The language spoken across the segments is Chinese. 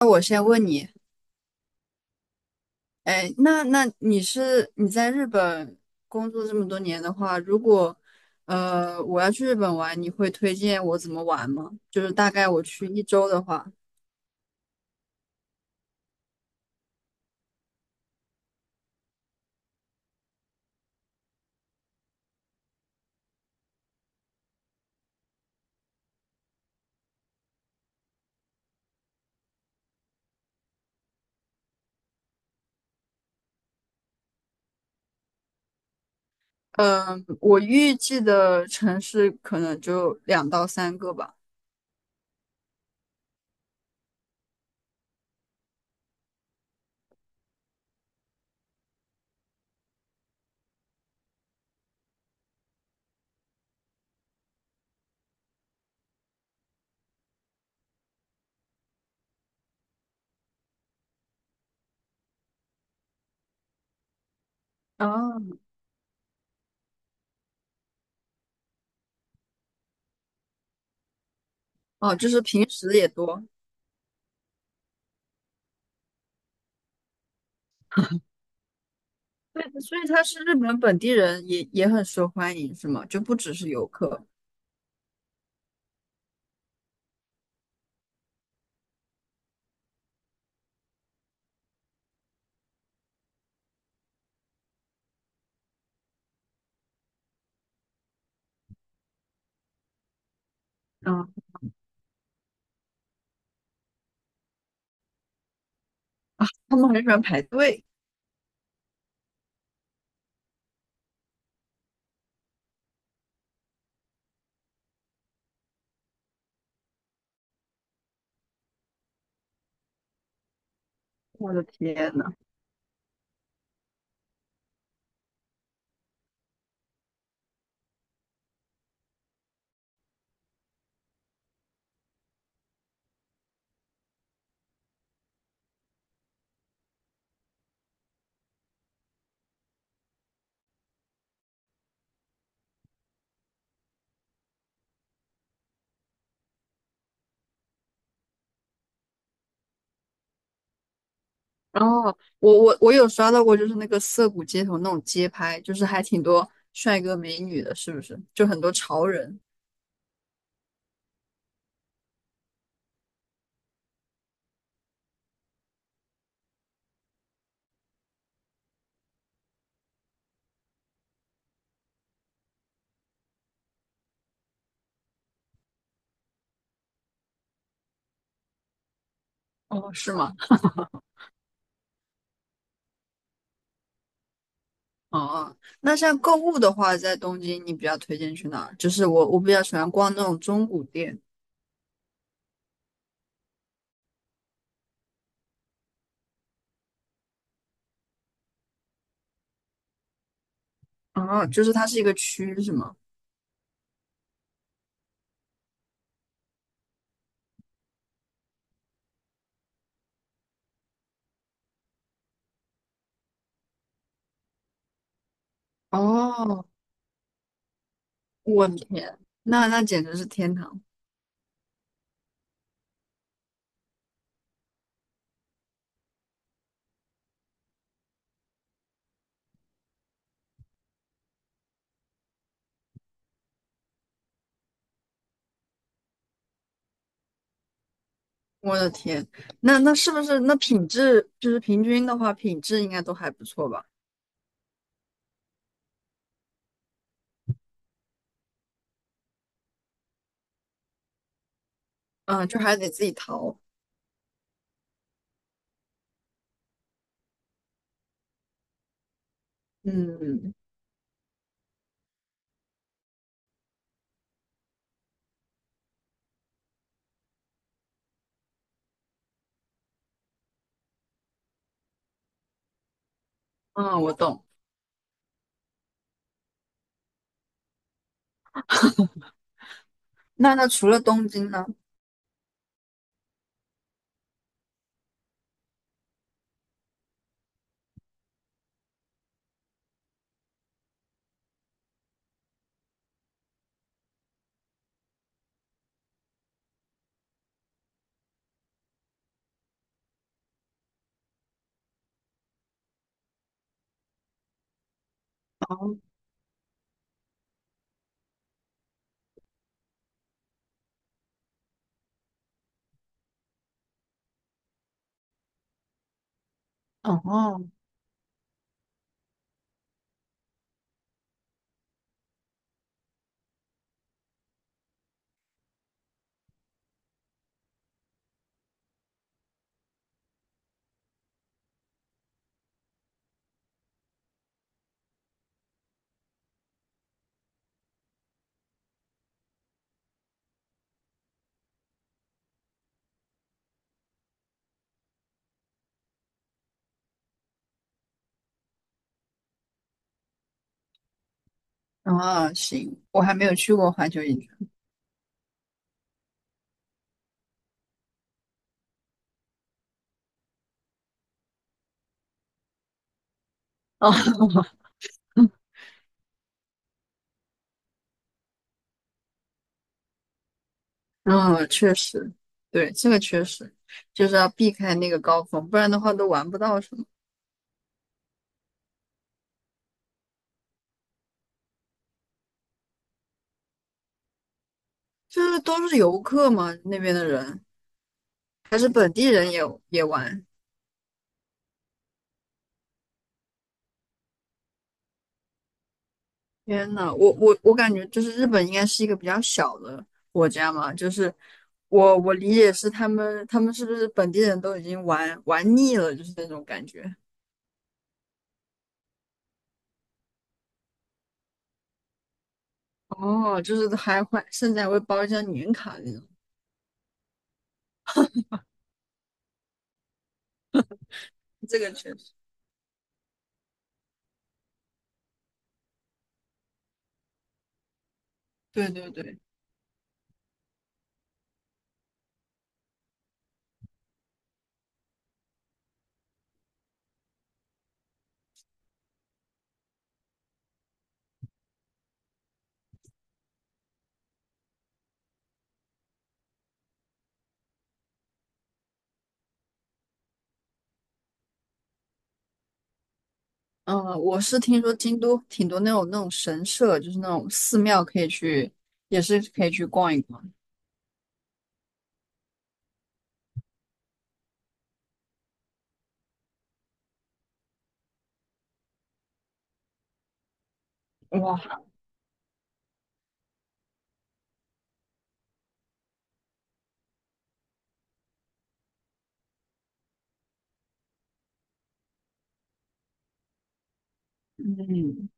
那我先问你，哎，那你在日本工作这么多年的话，如果我要去日本玩，你会推荐我怎么玩吗？就是大概我去一周的话，嗯，我预计的城市可能就两到三个吧。哦。哦，就是平时也多。对，所以他是日本本地人也很受欢迎，是吗？就不只是游客。嗯，他们很喜欢排队。我的天。哦，我有刷到过，就是那个涩谷街头那种街拍，就是还挺多帅哥美女的，是不是？就很多潮人。哦，是是吗？哦，嗯，那像购物的话，在东京你比较推荐去哪儿？就是我比较喜欢逛那种中古店。哦，就是它是一个区，是吗？哦，我的天，那简直是天堂！我的天，那是不是那品质就是平均的话，品质应该都还不错吧？嗯，就还得自己淘。嗯嗯，我懂。那除了东京呢？哦哦哦，行，我还没有去过环球影城。哦，嗯，确实，对，这个确实就是要避开那个高峰，不然的话都玩不到什么。就是都是游客嘛，那边的人还是本地人也玩。天呐，我感觉就是日本应该是一个比较小的国家嘛，就是我理解是他们是不是本地人都已经玩腻了，就是那种感觉。哦，就是还会甚至还会包一张年卡那种。这个确实，对对对。嗯，我是听说京都挺多那种那种神社，就是那种寺庙可以去，也是可以去逛一逛。哇。嗯，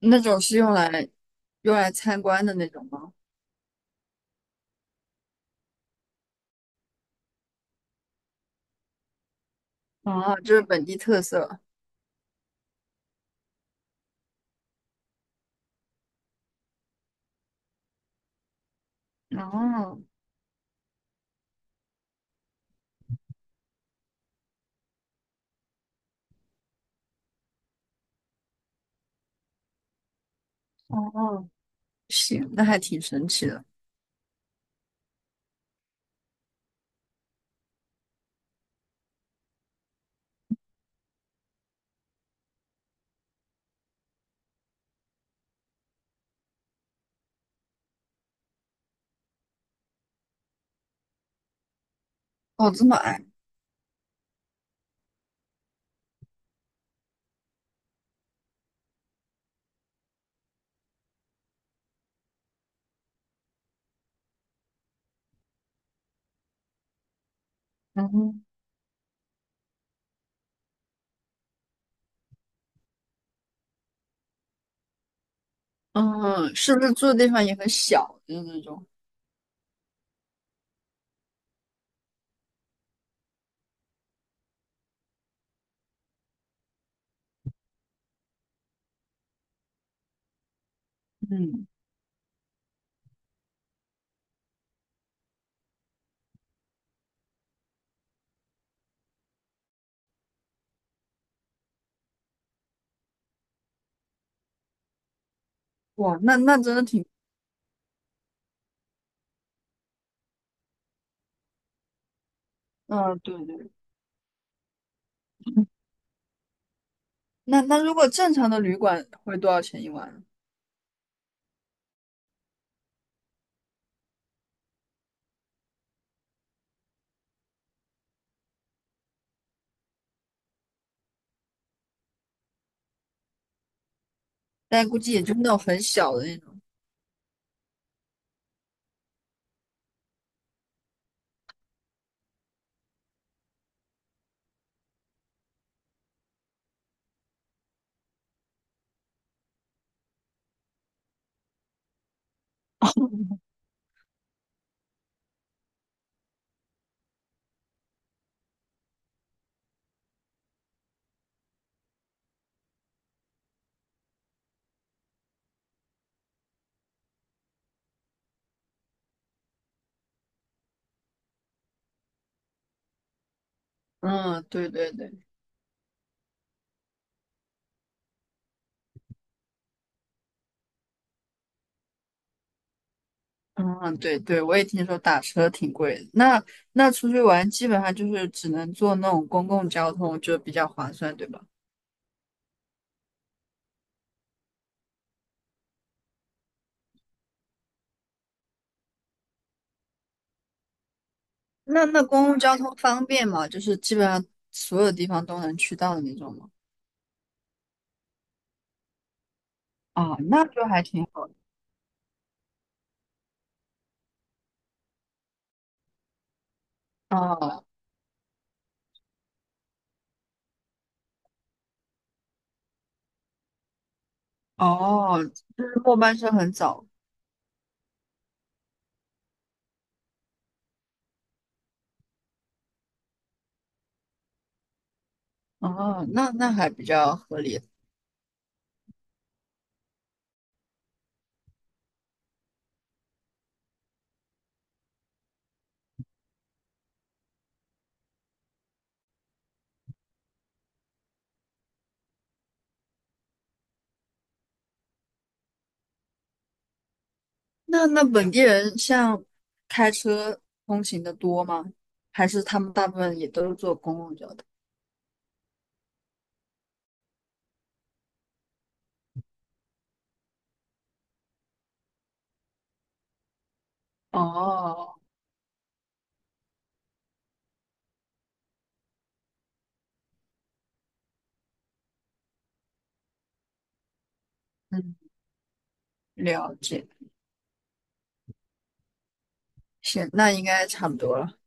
那种是用来参观的那种吗？啊，就是本地特色。哦哦哦，行，那还挺神奇的。哦，这么矮。嗯。嗯，是不是住的地方也很小？的那种。嗯。哇，那真的挺。嗯，对对。那如果正常的旅馆会多少钱一晚？但估计也就是那种很小的那种。嗯，对对对。嗯，对对，我也听说打车挺贵的。那出去玩基本上就是只能坐那种公共交通，就比较划算，对吧？那公共交通方便吗？就是基本上所有地方都能去到的那种吗？啊，那就还挺好的。哦哦，就是末班车很早。哦，那还比较合理。那本地人像开车通勤的多吗？还是他们大部分也都是坐公共交通？哦，嗯，了解，行，那应该差不多了。